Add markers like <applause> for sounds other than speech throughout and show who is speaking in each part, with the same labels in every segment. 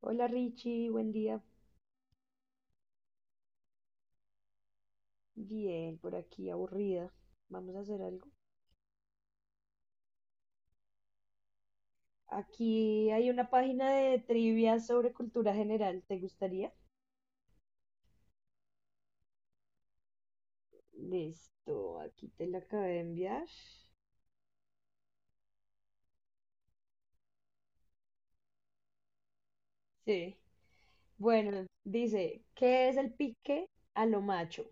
Speaker 1: Hola Richie, buen día. Bien, por aquí aburrida. Vamos a hacer algo. Aquí hay una página de trivia sobre cultura general. ¿Te gustaría? Listo, aquí te la acabé de enviar. Sí. Bueno, dice, ¿qué es el pique a lo macho?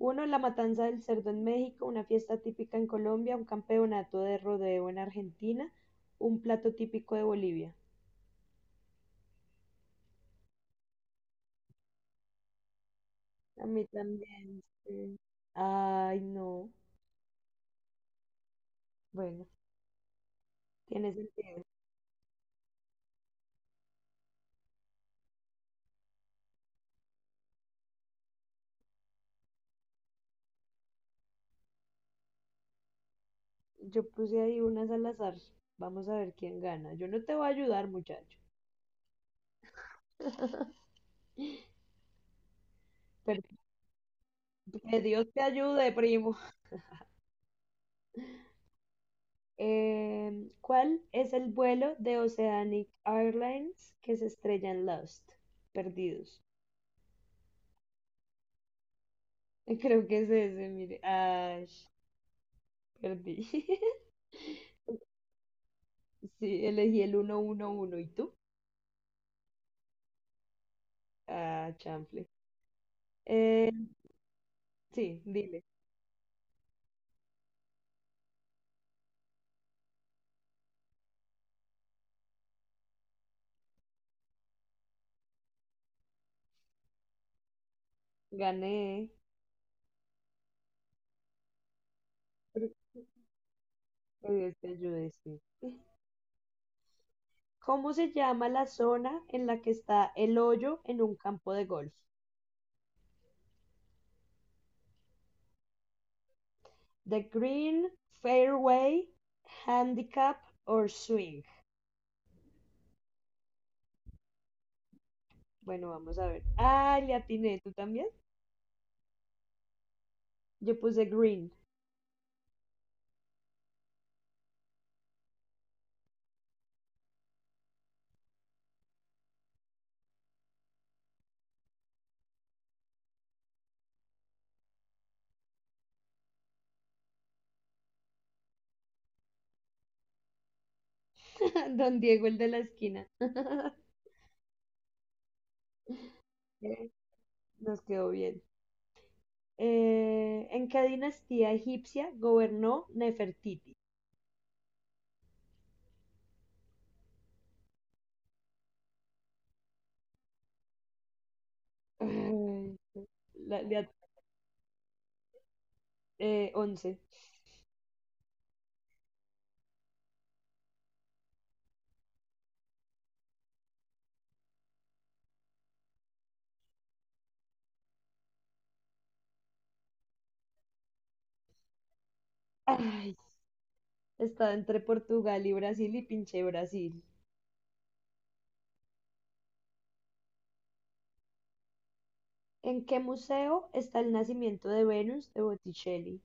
Speaker 1: Uno, la matanza del cerdo en México, una fiesta típica en Colombia, un campeonato de rodeo en Argentina, un plato típico de Bolivia. A mí también, sí. Ay, no. Bueno. Tiene sentido. Yo puse ahí unas al azar. Vamos a ver quién gana. Yo no te voy a ayudar, muchacho. Pero que Dios te ayude, primo. ¿Cuál es el vuelo de Oceanic Airlines que se estrella en Lost? Perdidos. <laughs> Creo que es ese, mire. Ay, perdí. <laughs> Sí, elegí el 111. ¿Y tú? Ah, chanfle. Eh, sí, dile. Gané. Que Dios te ayude, sí. ¿Cómo se llama la zona en la que está el hoyo en un campo de golf? The green, fairway, handicap or swing. Bueno, vamos a ver. Ah, le atiné, ¿tú también? Yo puse green. <laughs> Don Diego, el de la esquina. <laughs> Eh, nos quedó bien. ¿En qué dinastía egipcia gobernó Nefertiti? Ay, la- le at- 11. Ay, estaba entre Portugal y Brasil y pinché Brasil. ¿En qué museo está el nacimiento de Venus de Botticelli?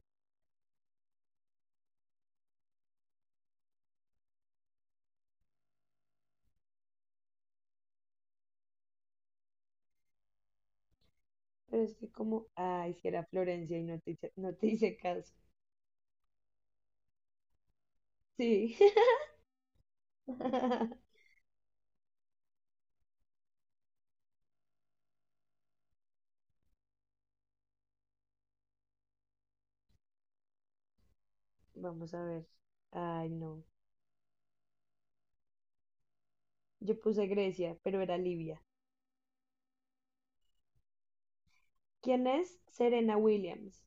Speaker 1: Pero es que como, ay, si era Florencia y no te, no te hice caso. Sí. <laughs> Vamos a ver. Ay, no. Yo puse Grecia, pero era Libia. ¿Quién es Serena Williams?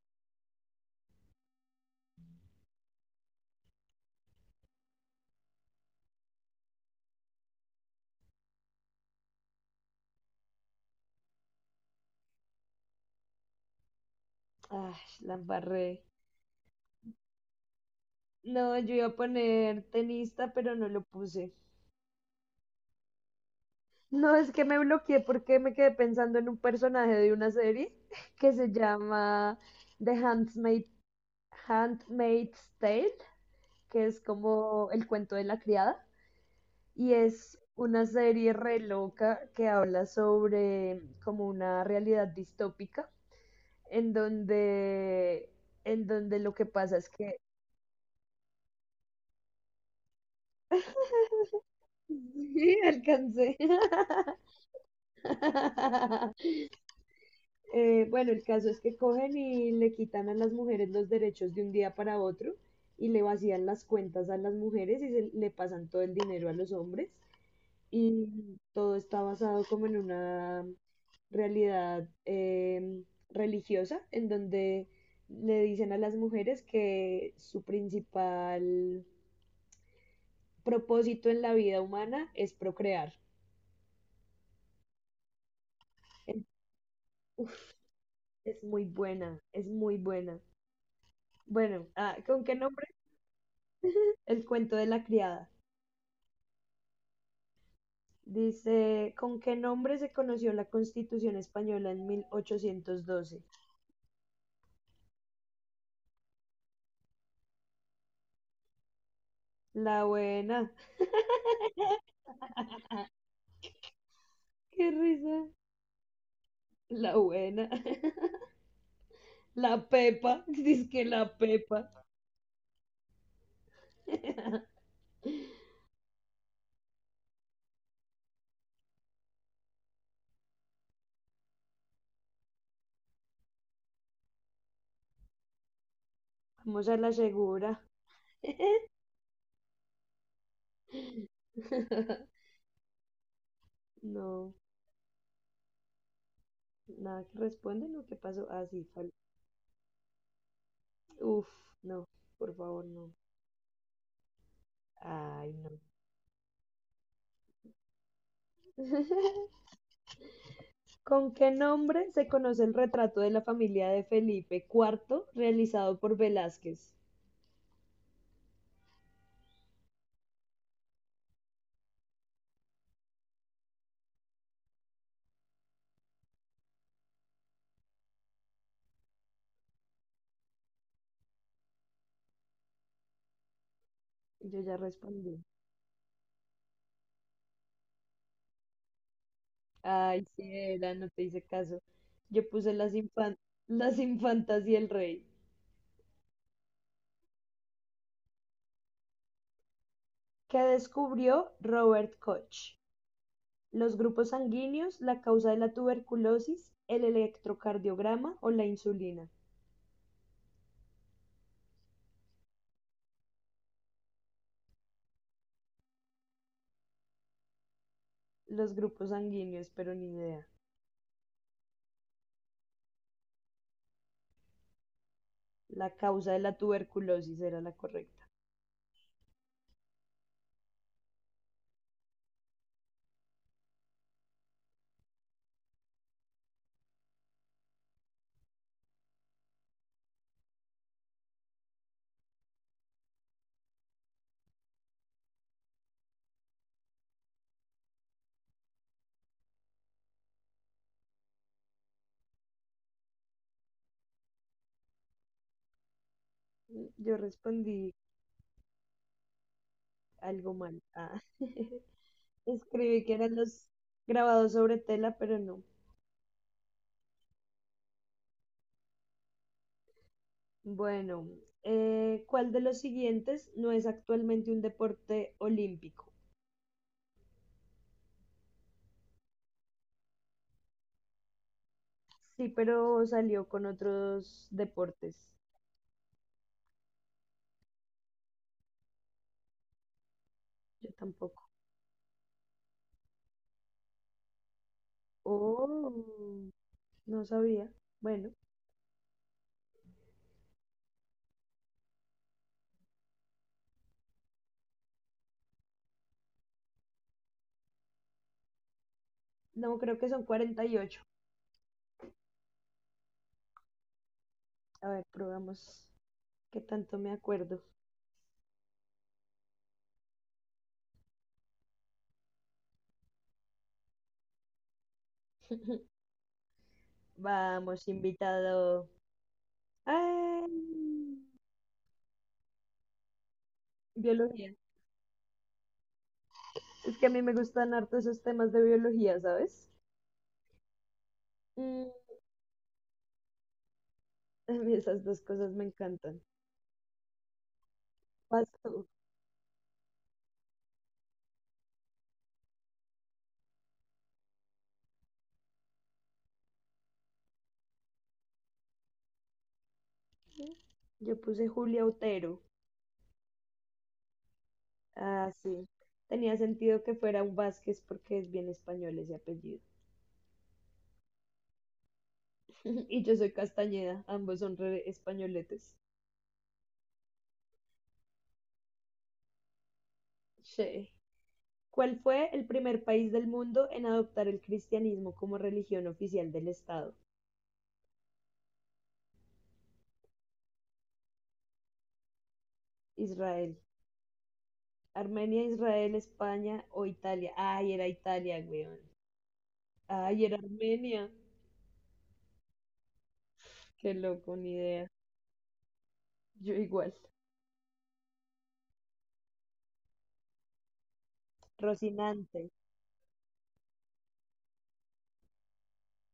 Speaker 1: Ay, la embarré. No, yo iba a poner tenista, pero no lo puse. No, es que me bloqueé porque me quedé pensando en un personaje de una serie <laughs> que se llama The Handmaid, Handmaid's Tale, que es como El cuento de la criada, y es una serie re loca que habla sobre como una realidad distópica en donde en donde lo que pasa es que <laughs> sí, alcancé. <laughs> Bueno, el caso es que cogen y le quitan a las mujeres los derechos de un día para otro y le vacían las cuentas a las mujeres y le pasan todo el dinero a los hombres, y todo está basado como en una realidad religiosa, en donde le dicen a las mujeres que su principal propósito en la vida humana es procrear. En- Uf, es muy buena, es muy buena. Bueno, ah, ¿con qué nombre? El cuento de la criada. Dice, ¿con qué nombre se conoció la Constitución Española en 1812? La buena. <laughs> Qué risa. La buena. <laughs> La Pepa, <laughs> dice que la Pepa. <laughs> Vamos a la segura. <laughs> <laughs> No, nada que responden o qué pasó. Ah, sí, uf, no, por favor, no. Ay, no. <laughs> ¿Con qué nombre se conoce el retrato de la familia de Felipe IV realizado por Velázquez? Yo ya respondí. Ay, sí, era, no te hice caso. Yo puse las infantas y el rey. ¿Qué descubrió Robert Koch? Los grupos sanguíneos, la causa de la tuberculosis, el electrocardiograma o la insulina. Los grupos sanguíneos, pero ni idea. La causa de la tuberculosis era la correcta. Yo respondí algo mal. Ah. <laughs> Escribí que eran los grabados sobre tela, pero no. Bueno, ¿cuál de los siguientes no es actualmente un deporte olímpico? Sí, pero salió con otros deportes. Yo tampoco. Oh, no sabía. Bueno, no, creo que son 48. A ver, probamos qué tanto me acuerdo. Vamos, invitado. ¡Ay! Biología. Es que a mí me gustan harto esos temas de biología, ¿sabes? Mm, a mí esas dos cosas me encantan. Vas tú. Yo puse Julia Otero. Ah, sí. Tenía sentido que fuera un Vázquez porque es bien español ese apellido. <laughs> Y yo soy Castañeda, ambos son re españoletes. Sí. ¿Cuál fue el primer país del mundo en adoptar el cristianismo como religión oficial del Estado? Israel. Armenia, Israel, España o Italia. Ay, era Italia, weón. Ay, era Armenia. Qué loco, ni idea. Yo igual. Rocinante.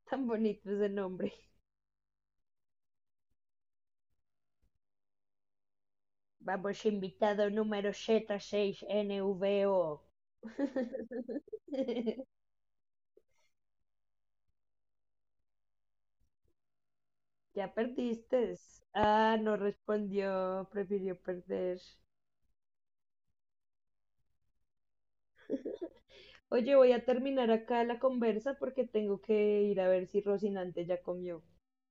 Speaker 1: Tan bonito ese nombre. Vamos, invitado número Z6NVO. <laughs> Ya perdiste. Ah, no respondió. Prefirió perder. Oye, voy a terminar acá la conversa porque tengo que ir a ver si Rocinante ya comió.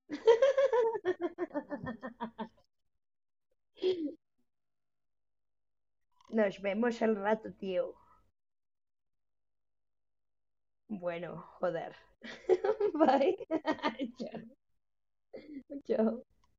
Speaker 1: <laughs> Nos vemos al rato, tío. Bueno, joder. <laughs> Bye. <laughs> Chao, chao.